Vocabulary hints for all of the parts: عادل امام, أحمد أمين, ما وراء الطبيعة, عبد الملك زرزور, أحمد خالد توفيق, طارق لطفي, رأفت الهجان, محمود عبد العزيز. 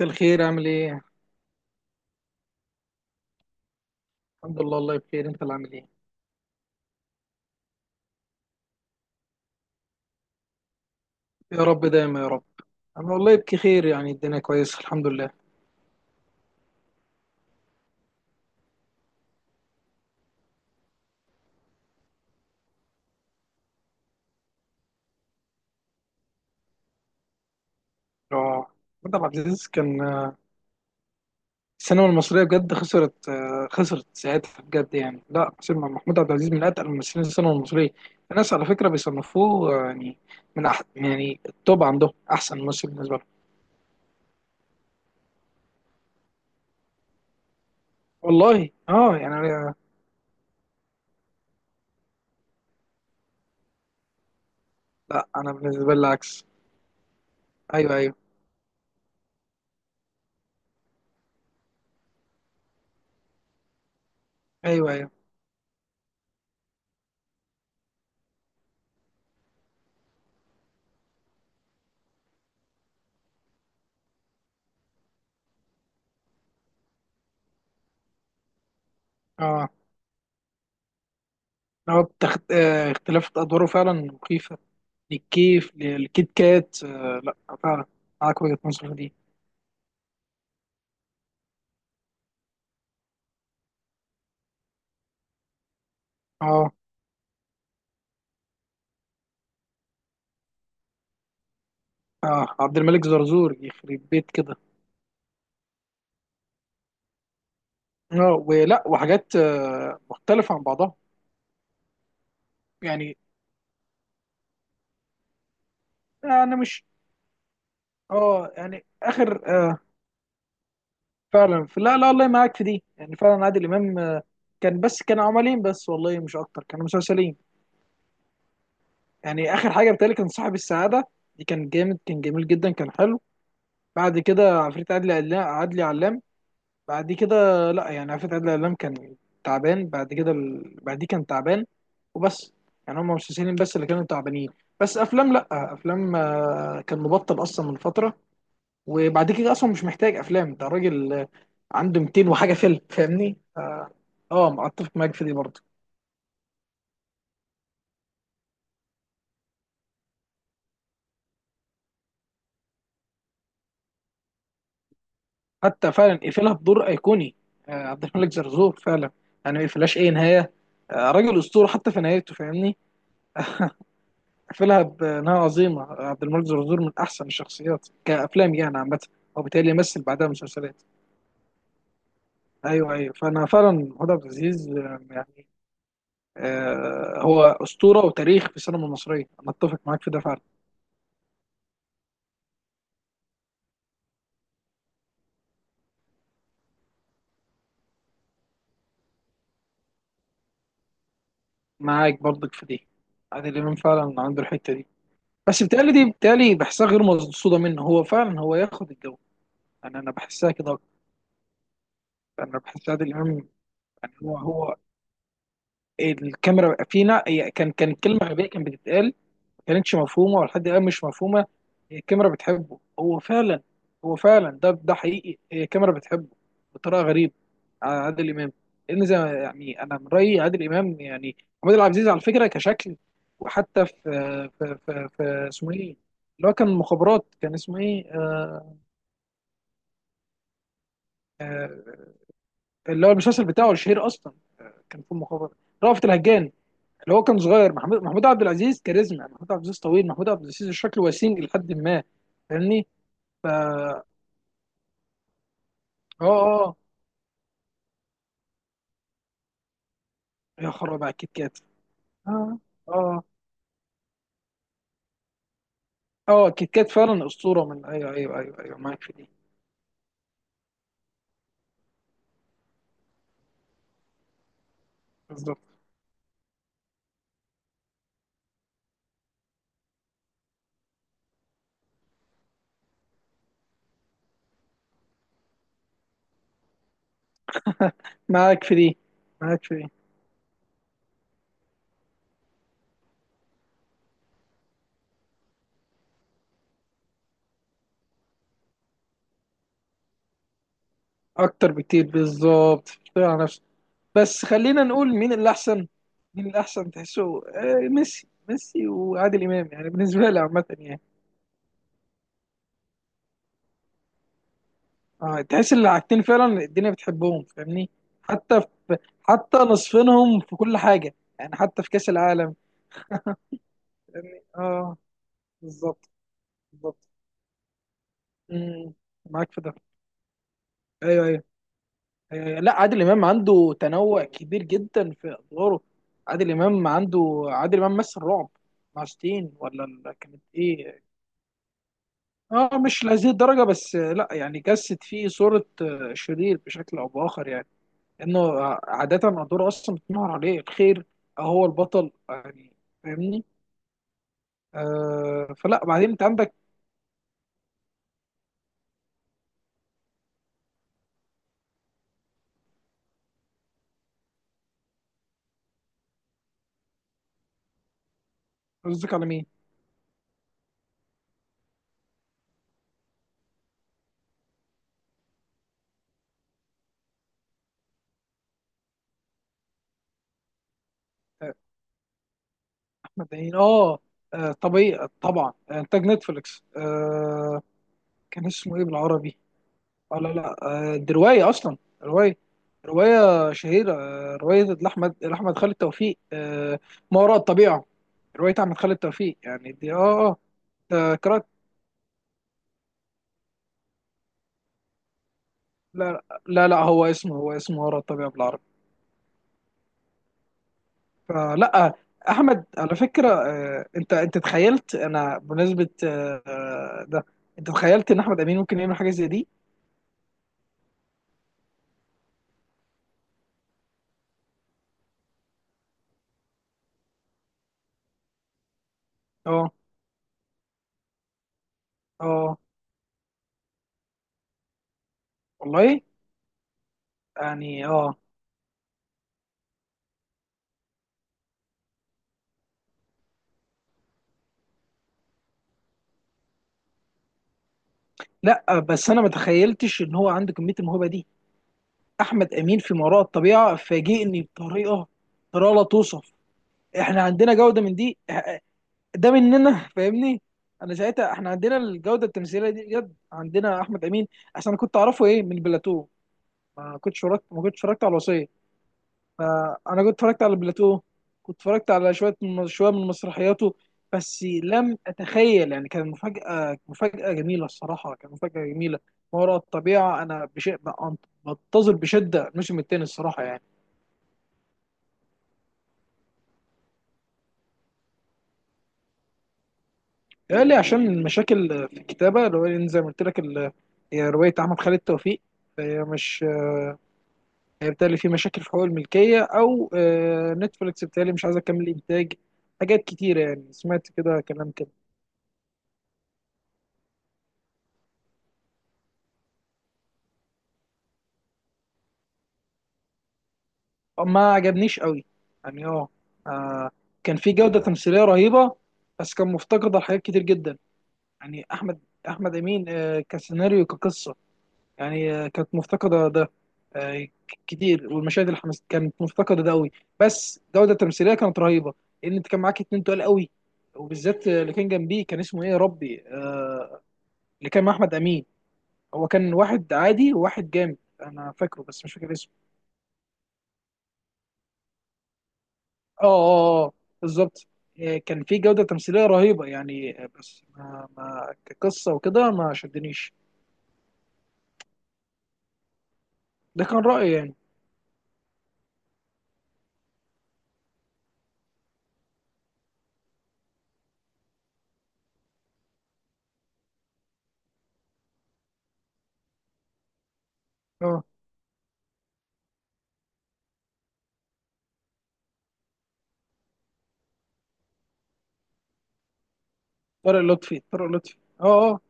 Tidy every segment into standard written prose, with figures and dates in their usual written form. مساء الخير، عامل ايه؟ الحمد لله، والله بخير. انت اللي عامل ايه؟ يا رب دايما يا رب. انا والله بخير، يعني الدنيا كويسه، الحمد لله. اه، محمد عبد العزيز كان السينما المصريه بجد خسرت، خسرت ساعتها بجد، يعني لا، سينما محمود عبد العزيز من اتقل ممثلين السينما المصريه. الناس على فكره بيصنفوه يعني من أح يعني التوب، عندهم احسن ممثل بالنسبه لهم. والله اه، يعني لا، انا بالنسبه لي العكس. ايوه، ايوه، ايوه، ايوه. اه، هو بتخت... آه، اختلاف ادواره فعلا مخيفه. الكيت كات، آه، لا، فعلا، معاك وجهة نظر في دي. اه، اه، عبد الملك زرزور، يخرب بيت كده. اه، ولا وحاجات مختلفة عن بعضها. يعني انا مش اه يعني اخر آه فعلا، لا لا، الله معاك في دي، يعني فعلا عادل امام كان بس كان عملين بس والله، مش اكتر، كانوا مسلسلين. يعني اخر حاجة بتهيألي كان صاحب السعادة. دي كان جامد، كان جميل جدا، كان حلو. بعد كده عفريت عدلي علام. بعد كده، لا يعني، عفت عادل إمام كان تعبان. بعد كده بعد، كان تعبان وبس. يعني هم مسلسلين بس اللي كانوا تعبانين. بس افلام، لا، افلام كان مبطل اصلا من فتره. وبعد كده اصلا مش محتاج افلام، ده راجل عنده 200 وحاجه فيلم، فاهمني؟ اه، ما اتفق معاك في دي برضه. حتى فعلا قفلها بدور ايقوني، عبد الملك زرزور فعلا. يعني ما قفلهاش اي نهايه، راجل اسطوره حتى في نهايته، فاهمني؟ قفلها بانها عظيمه. عبد الملك زرزور من احسن الشخصيات كافلام يعني عامه، وبالتالي يمثل بعدها مسلسلات. ايوه، ايوه، فانا فعلا محمود عبد العزيز يعني آه، هو اسطوره وتاريخ في السينما المصريه، انا اتفق معاك في ده فعلا. معاك برضك في دي. عادل امام فعلا عنده الحته دي، بس بتهيألي دي بتهيألي بحسها غير مقصوده منه. هو فعلا هو ياخد الجو، انا بحسها كده أكتر. انا بحس عادل امام، يعني هو الكاميرا فينا، هي كان كان كلمه غبيه كانت بتتقال، كانتش مفهومه، ولحد الان مش مفهومه. هي الكاميرا بتحبه هو فعلا، هو فعلا ده، حقيقي هي الكاميرا بتحبه بطريقه غريبه على عادل امام. لان زي ما- يعني انا من رايي، عادل امام يعني محمود عبد العزيز على فكره كشكل. وحتى في في اسمه ايه، اللي هو كان مخابرات، كان اسمه ايه آه اللي هو المسلسل بتاعه الشهير اصلا. كان في مخابرات، رأفت الهجان، اللي هو كان صغير. محمود، محمود عبد العزيز كاريزما، محمود عبد العزيز طويل، محمود عبد العزيز شكله وسيم لحد ما، فاهمني؟ اه، اه، يا خرابي على الكيت كات، اه، اه، اه، الكيت كات فعلا اسطوره. من ايوه، ايوه، ايوه، ايوه، معاك في دي، بالظبط، معاك في دي، معاك في دي، اكتر بكتير بالظبط، اشتغل على نفسك. بس خلينا نقول مين اللي احسن، مين اللي احسن تحسه. آه، ميسي، ميسي وعادل امام، يعني بالنسبه لي عامه يعني آه، تحس ان الحاجتين فعلا الدنيا بتحبهم، فاهمني؟ حتى في، حتى نصفينهم في كل حاجه، يعني حتى في كاس العالم، فاهمني؟ اه، بالظبط، بالظبط. مم، معاك في ده. ايوه، ايوه، أيوة. لا، عادل امام عنده تنوع كبير جدا في ادواره. عادل امام عنده، عادل امام مثل رعب مع شتين، ولا كانت ايه؟ اه، مش لهذه الدرجه بس لا يعني، جسد فيه صوره شرير بشكل او باخر يعني، انه عاده ادواره اصلا بتنور عليه الخير، أو هو البطل يعني، فاهمني؟ فلا بعدين انت عندك، قصدك على مين؟ آه، احمد عين، اه، طبيعي طبعا، انتاج نتفليكس آه. كان اسمه ايه بالعربي؟ اه، لا لا، دي رواية أصلا، رواية، رواية شهيرة، رواية لأحمد خالد توفيق، ما وراء الطبيعة. رواية أحمد خالد توفيق يعني دي آه، آه، قرأت. لا لا لا، هو اسمه ما وراء الطبيعة بالعربي. فلا آه، أحمد على فكرة، أنت تخيلت؟ أنا بمناسبة ده، أنت تخيلت إن أحمد أمين ممكن يعمل حاجة زي دي؟ آه آه والله، يعني آه، لا بس أنا ما تخيلتش إن هو عنده كمية الموهبة دي. احمد امين في ما وراء الطبيعه فاجئني بطريقه، طريقه لا توصف. احنا عندنا جوده من دي ده مننا، فاهمني؟ انا ساعتها، احنا عندنا الجوده التمثيليه دي بجد، عندنا احمد امين. عشان انا كنت اعرفه ايه من بلاتو، ما كنتش اتفرجت على الوصيه. فانا كنت اتفرجت على بلاتو، كنت اتفرجت على شويه من، شويه من مسرحياته. بس لم اتخيل يعني، كان مفاجاه جميله، الصراحه كان مفاجاه جميله. ما وراء الطبيعه انا بشيء، بنتظر بشده الموسم الثاني الصراحه يعني. قال لي عشان المشاكل في الكتابة، اللي هو لأن زي ما قلت لك هي رواية أحمد خالد توفيق، فهي مش، هي بتهيألي في مشاكل في حقوق الملكية، أو نتفليكس بتهيألي مش عايزة تكمل إنتاج، حاجات كتيرة يعني، سمعت كده كلام كده. ما عجبنيش قوي. يعني اه، آه، كان في جودة تمثيلية رهيبة، بس كان مفتقدة لحاجات كتير جدا. يعني أحمد، أحمد أمين كسيناريو، كقصة، يعني كانت مفتقدة ده كتير، والمشاهد اللي حمس كانت مفتقدة ده قوي. بس الجودة التمثيلية كانت رهيبة، لأن أنت كان معاك اتنين تقال قوي، وبالذات اللي كان جنبيه، كان اسمه إيه يا ربي، اللي كان مع أحمد أمين، هو كان واحد عادي وواحد جامد. أنا فاكره بس مش فاكر اسمه. آه آه آه آه، بالظبط، كان في جودة تمثيلية رهيبة يعني بس ما كقصة وكده ما شدنيش، ده كان رأيي يعني. آه، طارق لطفي،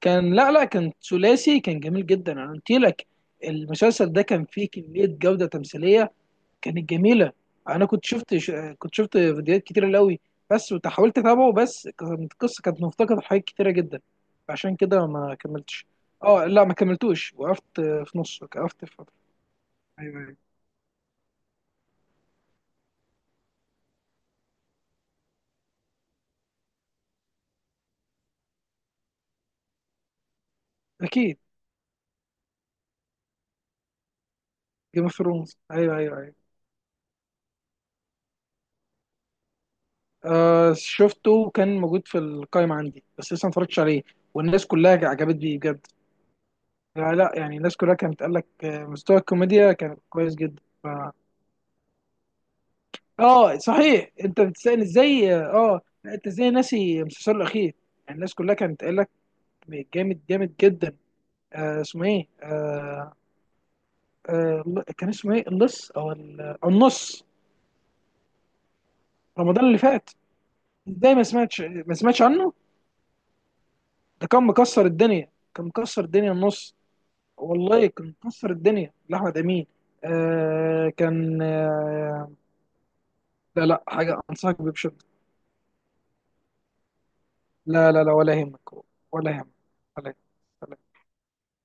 كان لا لا، كان ثلاثي، كان جميل جدا، انا قلت لك. المسلسل ده كان فيه كميه جوده تمثيليه كانت جميله. انا كنت كنت شفت فيديوهات كتير قوي بس، وحاولت اتابعه بس كانت القصه كانت مفتقده لحاجات كتيره جدا، عشان كده ما كملتش. اه، لا ما كملتوش، وقفت في نص، وقفت في فتره. ايوه، ايوه، اكيد. جيم اوف ثرونز، ايوه، ايوه، ايوه. آه شفته، وكان موجود في القائمه عندي، بس لسه ما اتفرجتش عليه، والناس كلها عجبت بيه بجد. لا لا، يعني الناس كلها كانت قال لك مستوى الكوميديا كان كويس جدا ف... اه صحيح، انت بتسأل ازاي؟ اه، لا، انت ازاي ناسي المسلسل الاخير؟ يعني الناس كلها كانت قال لك جامد، جامد جدا. آه اسمه ايه كان اسمه ايه؟ اللص، او أو النص، رمضان اللي فات. ازاي؟ ما سمعتش عنه؟ ده كان مكسر الدنيا، كان مكسر الدنيا، النص، والله كان مكسر الدنيا لاحمد امين. آه كان آه لا، لا حاجه انصحك بيه. لا لا لا، ولا يهمك، ولا يهمك، ولا يهمك.